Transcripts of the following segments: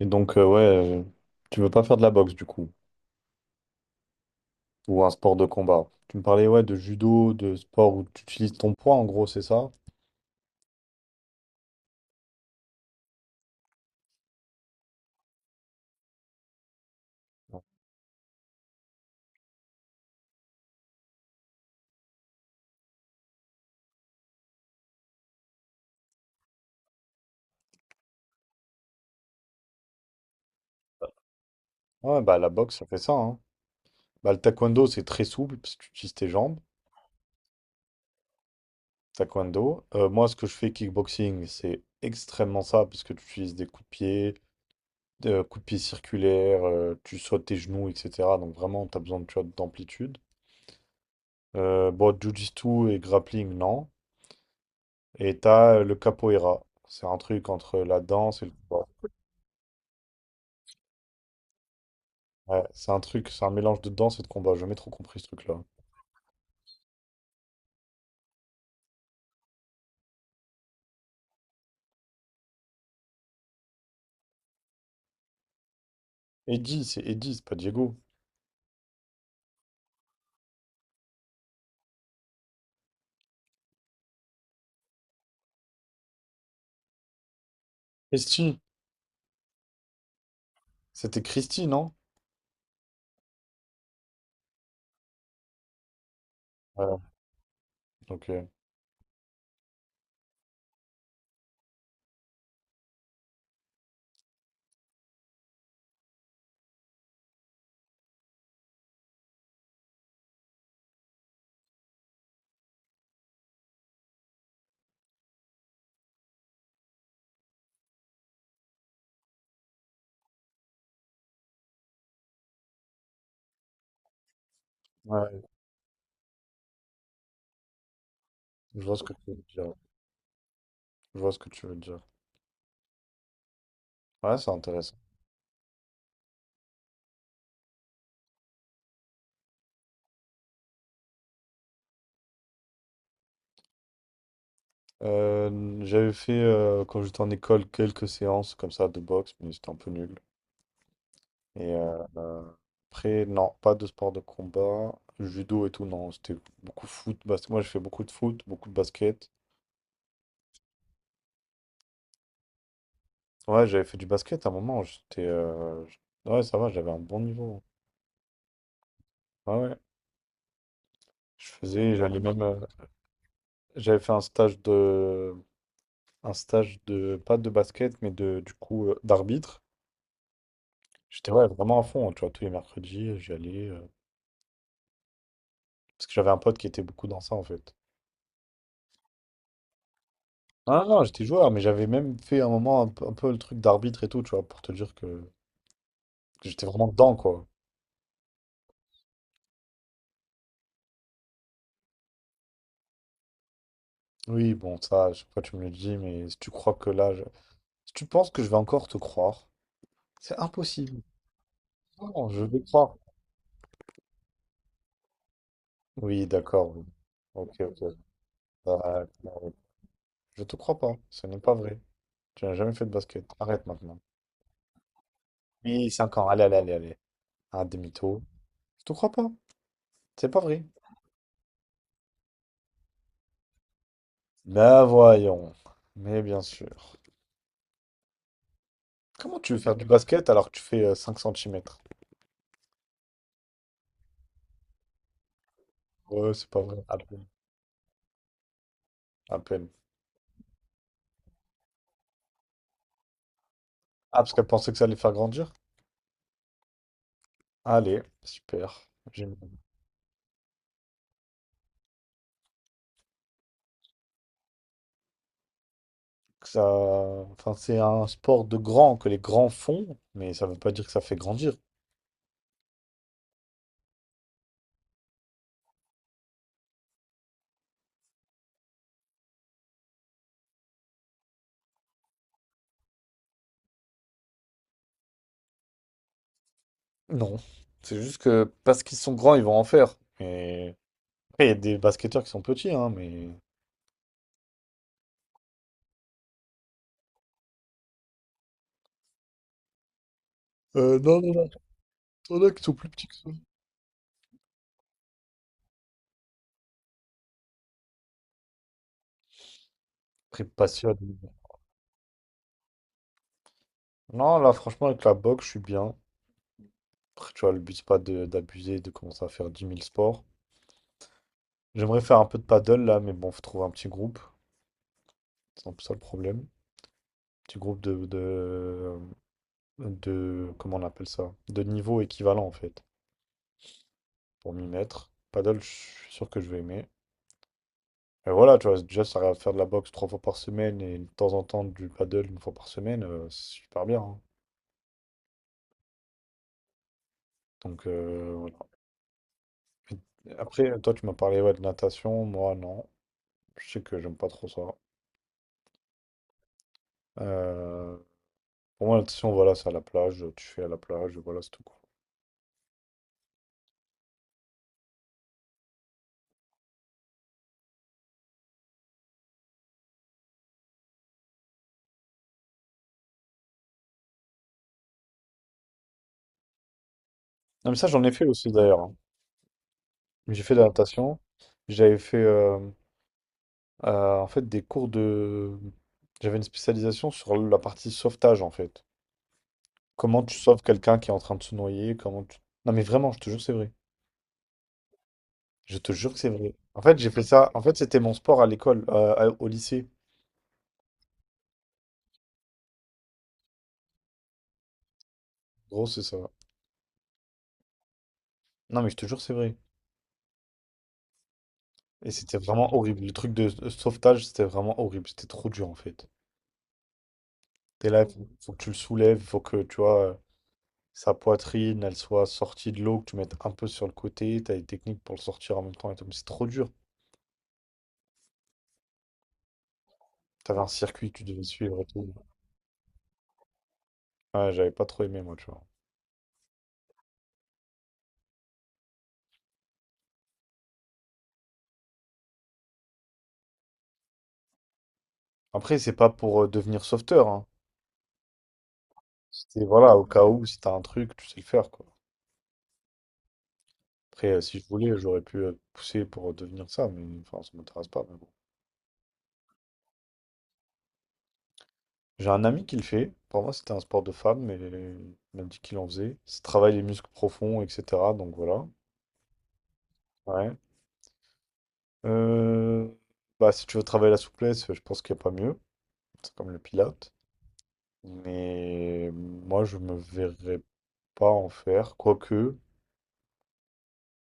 Et donc, ouais, tu veux pas faire de la boxe du coup, ou un sport de combat. Tu me parlais, ouais, de judo, de sport où tu utilises ton poids, en gros, c'est ça? Ouais, ouais, bah la boxe, ça fait ça, hein. Bah, le taekwondo, c'est très souple parce que tu utilises tes jambes. Taekwondo. Moi, ce que je fais kickboxing, c'est extrêmement ça parce que tu utilises des coups de pied, coup de pied circulaire, tu sautes tes genoux, etc. Donc vraiment, tu as besoin tu vois, d'amplitude. Bon, jiu-jitsu et grappling, non. Et t'as le capoeira. C'est un truc entre la danse et le combat. Ouais, c'est un mélange de danse et de combat. J'ai jamais trop compris ce truc-là. Eddie, c'est pas Diego. Christy, c'était Christy, non? Ouais, ok. Ouais, je vois ce que tu veux dire. Je vois ce que tu veux dire. Ouais, c'est intéressant. J'avais fait, quand j'étais en école, quelques séances comme ça de boxe, mais c'était un peu nul. Et après, non, pas de sport de combat. Judo et tout, non, c'était beaucoup foot, basket. Moi, j'ai fait beaucoup de foot, beaucoup de basket. Ouais, j'avais fait du basket à un moment. J'étais. Ouais, ça va, j'avais un bon niveau. Ouais, ouais. Je faisais, j'allais même. J'avais fait un stage de. Un stage de. Pas de basket, mais du coup, d'arbitre. J'étais, ouais, vraiment à fond. Tu vois, tous les mercredis, j'y allais. Parce que j'avais un pote qui était beaucoup dans ça, en fait. Ah non, j'étais joueur, mais j'avais même fait un moment un peu le truc d'arbitre et tout, tu vois, pour te dire que. J'étais vraiment dedans, quoi. Oui, bon, ça, à chaque fois tu me le dis, mais si tu crois que là, si tu penses que je vais encore te croire, c'est impossible. Non, je vais te croire. Oui, d'accord, oui. Ok, ok. D'accord, oui. Je te crois pas. Ce n'est pas vrai. Tu n'as jamais fait de basket. Arrête maintenant. Oui, 5 ans. Allez, allez, allez, allez. Un demi-tour. Je te crois pas. C'est pas vrai. Ben voyons. Mais bien sûr. Comment tu veux faire du basket alors que tu fais 5 cm? Ouais, c'est pas vrai. À peine. À peine. Ah, parce qu'elle pensait que ça allait faire grandir? Allez, super. J'aime bien que ça. Enfin, c'est un sport de grands que les grands font, mais ça ne veut pas dire que ça fait grandir. Non. C'est juste que parce qu'ils sont grands, ils vont en faire. Et après, il y a des basketteurs qui sont petits, hein, mais. Non, non, non. Il y en a qui sont plus petits. Après, passionne. Non, là, franchement, avec la boxe, je suis bien. Après, tu vois, le but, c'est pas d'abuser, de commencer à faire 10 000 sports. J'aimerais faire un peu de paddle, là, mais bon, faut trouver un petit groupe. C'est un peu ça le problème. Petit groupe de, comment on appelle ça, de niveau équivalent en fait, pour m'y mettre. Paddle, je suis sûr que je vais aimer. Et voilà, tu vois, déjà, ça va faire de la boxe trois fois par semaine et de temps en temps du paddle une fois par semaine, c'est super bien, hein. Donc, voilà. Après, toi, tu m'as parlé ouais, de natation, moi, non. Je sais que j'aime pas trop ça. Euh, pour moi, la natation, voilà, c'est à la plage, tu fais à la plage, voilà, c'est tout, quoi. Non, mais ça, j'en ai fait aussi d'ailleurs. J'ai fait de la natation. J'avais fait en fait des cours de. J'avais une spécialisation sur la partie sauvetage en fait. Comment tu sauves quelqu'un qui est en train de se noyer, comment tu. Non, mais vraiment, je te jure, que c'est vrai. Je te jure que c'est vrai. En fait, j'ai fait ça. En fait, c'était mon sport à l'école, au lycée. Gros, c'est ça. Non, mais je te jure, que c'est vrai. Et c'était vraiment horrible. Le truc de sauvetage, c'était vraiment horrible. C'était trop dur en fait. T'es là, il faut, que tu le soulèves, il faut que tu vois sa poitrine, elle soit sortie de l'eau, que tu mettes un peu sur le côté. T'as des techniques pour le sortir en même temps et tout. Mais c'est trop dur. T'avais un circuit que tu devais suivre et tout. Ouais, j'avais pas trop aimé moi, tu vois. Après, c'est pas pour devenir sauveteur, hein. C'était voilà, au cas où, si t'as un truc, tu sais le faire, quoi. Après, si je voulais, j'aurais pu pousser pour devenir ça, mais enfin, ça m'intéresse pas, mais bon. J'ai un ami qui le fait. Pour moi, c'était un sport de femme, mais il m'a dit qu'il en faisait. Ça travaille les muscles profonds, etc. Donc voilà. Ouais. Euh, Bah, si tu veux travailler la souplesse, je pense qu'il n'y a pas mieux. C'est comme le pilates. Mais moi, je me verrais pas en faire. Quoique,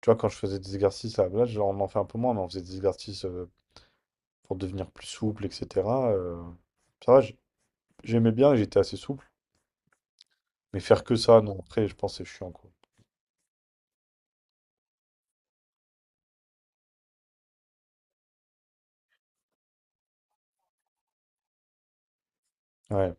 tu vois, quand je faisais des exercices, à là, genre, on en fait un peu moins, mais on faisait des exercices pour devenir plus souple, etc. euh, Ça va, j'aimais bien et j'étais assez souple. Mais faire que ça, non. Après, je pense que c'est chiant, quoi. Ouais.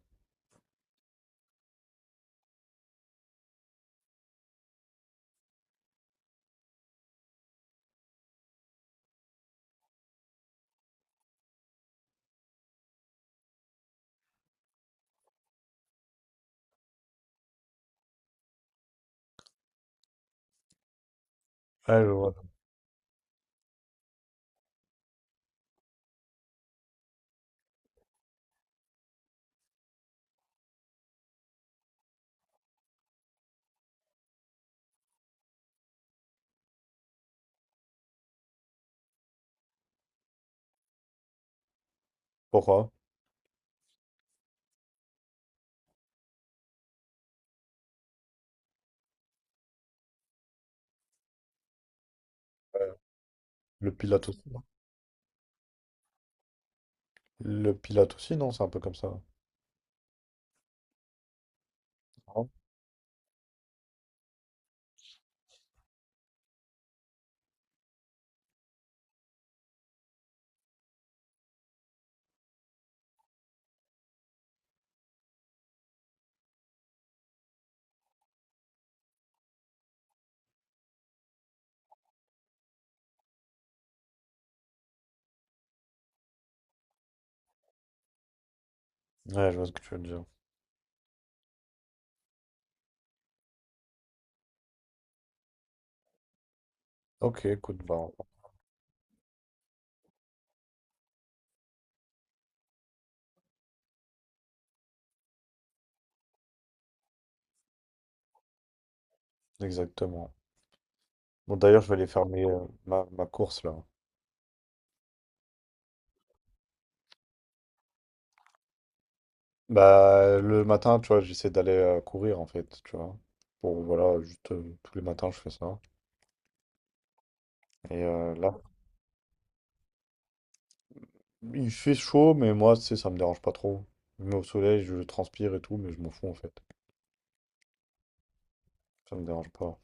Ouais, je vois. Pourquoi? Le Pilate aussi, non. Le Pilate aussi, non, c'est un peu comme ça. Non. Ouais, je vois ce que tu veux dire. Ok, écoute, bah, exactement. Bon, d'ailleurs, je vais aller faire ma course là. Bah, le matin, tu vois, j'essaie d'aller courir en fait, tu vois. Bon, voilà, juste tous les matins, je fais ça. Et là, il fait chaud, mais moi, tu sais, ça me dérange pas trop. Je me mets au soleil, je transpire et tout, mais je m'en fous en fait. Ça me dérange pas.